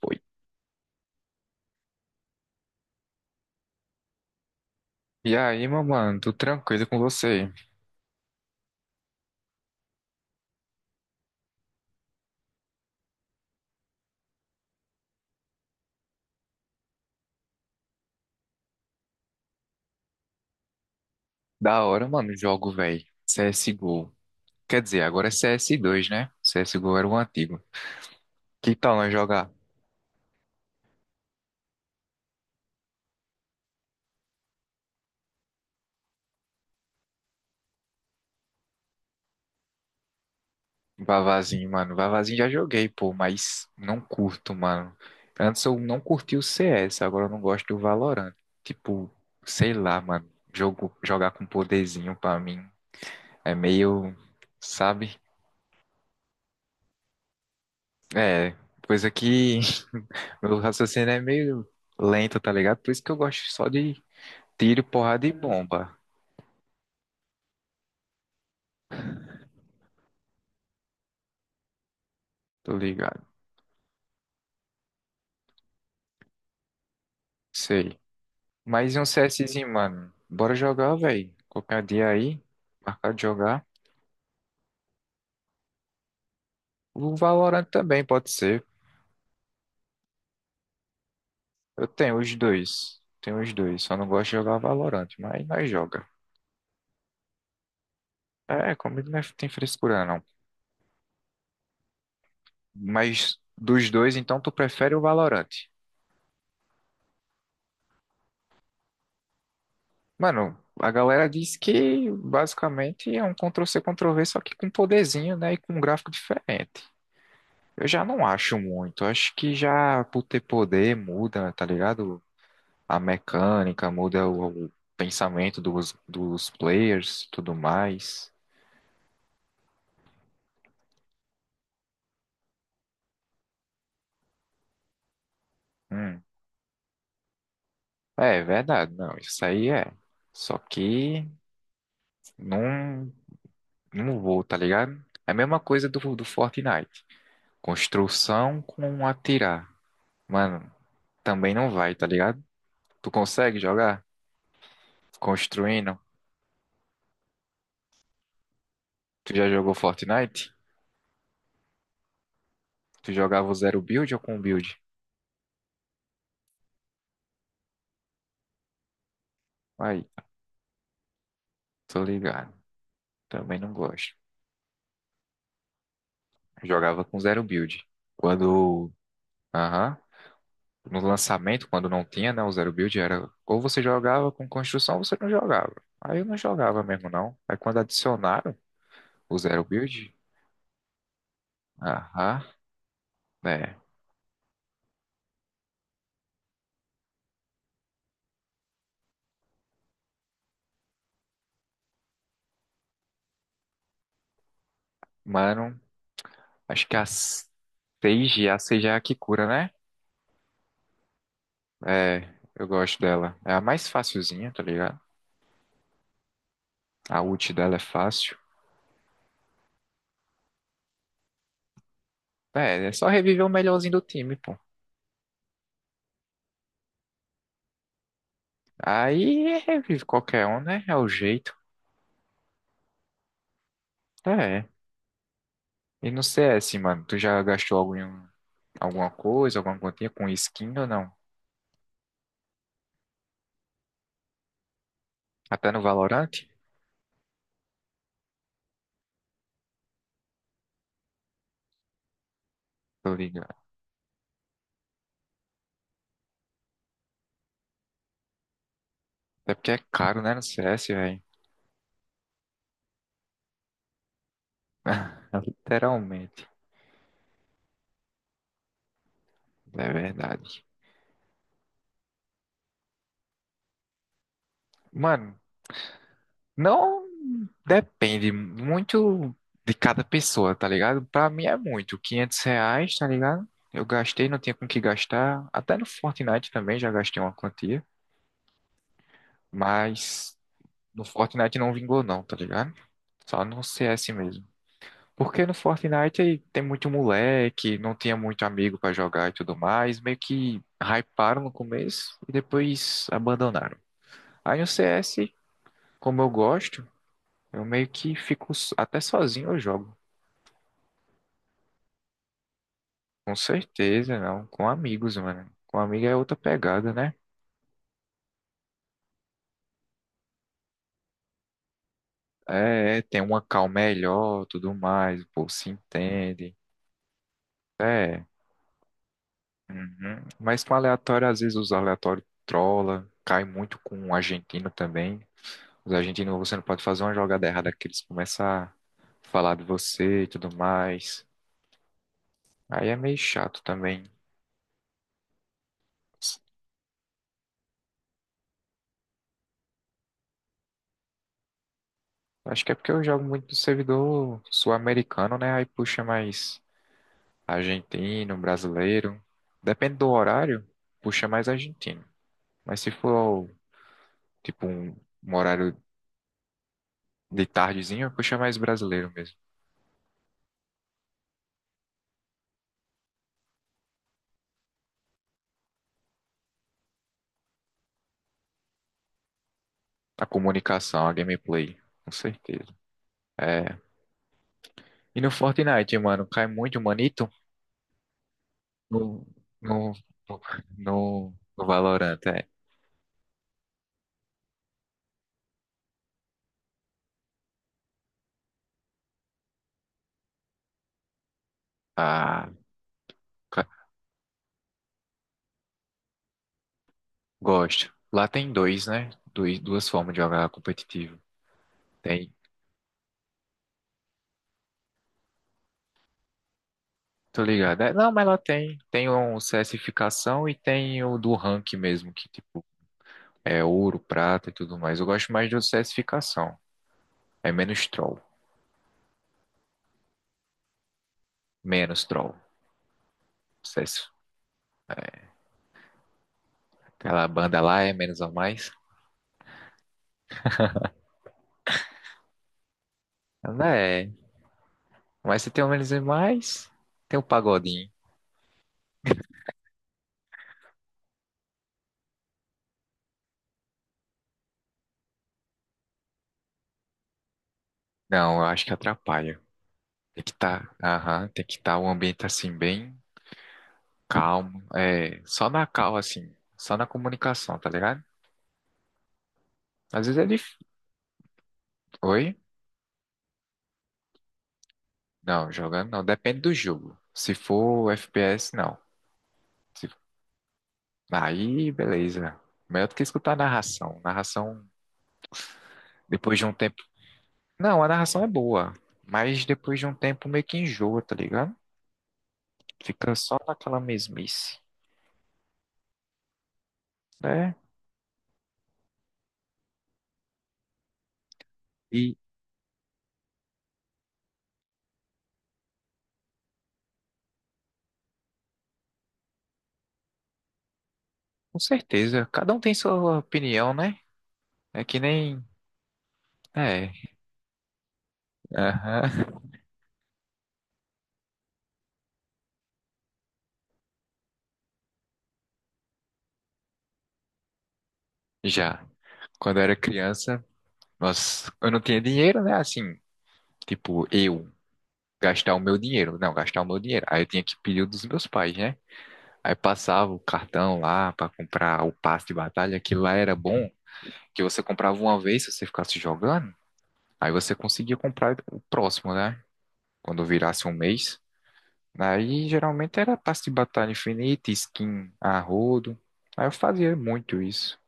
Foi. E aí, meu mano, tudo tranquilo com você? Da hora, mano, o jogo, velho. CSGO. Quer dizer, agora é CS2, né? CSGO era o antigo. Que tal nós jogar? Vavazinho, mano. Vavazinho já joguei, pô, mas não curto, mano. Antes eu não curti o CS, agora eu não gosto do Valorant. Tipo, sei lá, mano. Jogar com poderzinho pra mim é meio, sabe? É, coisa que meu raciocínio é meio lento, tá ligado? Por isso que eu gosto só de tiro, porrada e bomba, tô ligado? Sei. Mas e um CSzinho, mano? Bora jogar, velho. Qualquer dia aí, marcar de jogar. O Valorant também pode ser. Eu tenho os dois. Tenho os dois. Só não gosto de jogar Valorant, mas nós joga. É, comigo tem frescura, não. Mas dos dois, então tu prefere o Valorant? Mano, a galera diz que basicamente é um Ctrl-C, Ctrl-V, só que com poderzinho, né? E com um gráfico diferente. Eu já não acho muito. Acho que já por ter poder muda, tá ligado? A mecânica, muda o pensamento dos players, tudo mais. Hum. É verdade, não. Isso aí é. Só que não, não vou, tá ligado? É a mesma coisa do Fortnite. Construção com atirar. Mano, também não vai, tá ligado? Tu consegue jogar? Construindo? Tu já jogou Fortnite? Tu jogava o zero build ou com build? Aí, tô ligado. Também não gosto. Jogava com zero build. Quando. Aham. No lançamento, quando não tinha, né? O zero build era. Ou você jogava com construção ou você não jogava. Aí eu não jogava mesmo, não. Aí quando adicionaram o zero build. Aham. É. Mano, acho que a seis g a 6G é a que cura, né? É. Eu gosto dela. É a mais facilzinha, tá ligado? A ult dela é fácil. É, só reviver o melhorzinho do time, pô. Aí revive qualquer um, né? É o jeito. É. É. E no C S, mano, tu já gastou alguma coisa, alguma continha com skin ou não? Até no Valorant? Tô ligado. Até porque é caro, né? No C S, velho. Literalmente. É verdade. Mano, não. Depende muito de cada pessoa, tá ligado? Pra mim é muito, 500 reais, tá ligado? Eu gastei, não tinha com o que gastar. Até no Fortnite também já gastei uma quantia. Mas no Fortnite não vingou não, tá ligado? Só no CS mesmo. Porque no Fortnite tem muito moleque, não tinha muito amigo pra jogar e tudo mais. Meio que hyparam no começo e depois abandonaram. Aí no CS, como eu gosto, eu meio que fico até sozinho eu jogo. Com certeza, não. Com amigos, mano. Com amigo é outra pegada, né? É, tem uma calma melhor, tudo mais, o povo se entende. É. Uhum. Mas com aleatório, às vezes os aleatórios trola, cai muito com o argentino também. Os argentinos, você não pode fazer uma jogada errada que eles começam a falar de você e tudo mais. Aí é meio chato também. Acho que é porque eu jogo muito no servidor sul-americano, né? Aí puxa mais. Argentino, brasileiro. Depende do horário, puxa mais argentino. Mas se for, tipo, um horário de tardezinho, puxa mais brasileiro mesmo. A comunicação, a gameplay, com certeza. É. E no Fortnite, mano, cai muito manito no, no, no Valorant, é. Ah, ca- gosto. Lá tem dois, né? Duas formas de jogar competitivo. Tem Tô ligado. É, não, mas ela tem. Tem um CSificação e tem o do rank mesmo, que tipo é ouro, prata e tudo mais. Eu gosto mais do CSificação. É menos troll. Menos troll. CS. Aquela banda lá é menos ou mais. Ela é. Mas se tem o menos e mais, tem o pagodinho. Não, eu acho que atrapalha. Aham, tem que estar tá um ambiente assim bem calmo. É, só na calma, assim. Só na comunicação, tá ligado? Às vezes é difícil. Oi? Não, jogando não. Depende do jogo. Se for FPS, não. Se- Aí, beleza. Melhor do que escutar a narração. Narração, depois de um tempo. Não, a narração é boa. Mas depois de um tempo meio que enjoa, tá ligado? Fica só naquela mesmice, né? E com certeza, cada um tem sua opinião, né? É que nem. É. Aham. Já. Quando eu era criança, eu não tinha dinheiro, né? Assim, tipo, eu. Gastar o meu dinheiro. Não, gastar o meu dinheiro. Aí eu tinha que pedir o dos meus pais, né? Aí passava o cartão lá para comprar o passe de batalha, que lá era bom, que você comprava uma vez se você ficasse jogando, aí você conseguia comprar o próximo, né? Quando virasse um mês. Aí geralmente era passe de batalha infinita, skin a rodo. Aí eu fazia muito isso.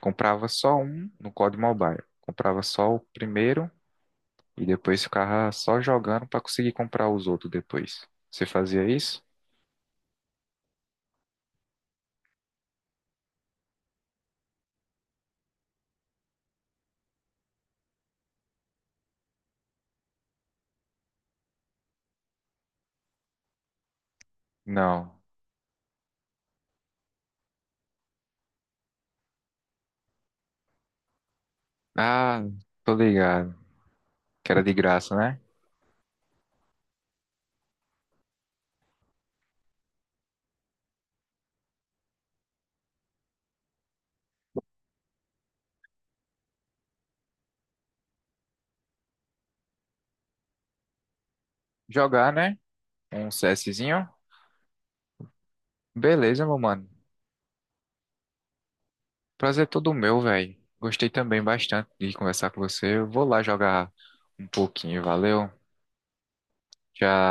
Comprava só um no COD Mobile. Comprava só o primeiro e depois ficava só jogando para conseguir comprar os outros depois. Você fazia isso? Não. Ah, tô ligado. Que era de graça, né? Jogar, né? Um CSzinho. Beleza, meu mano. Prazer todo meu, velho. Gostei também bastante de conversar com você. Eu vou lá jogar um pouquinho, valeu? Já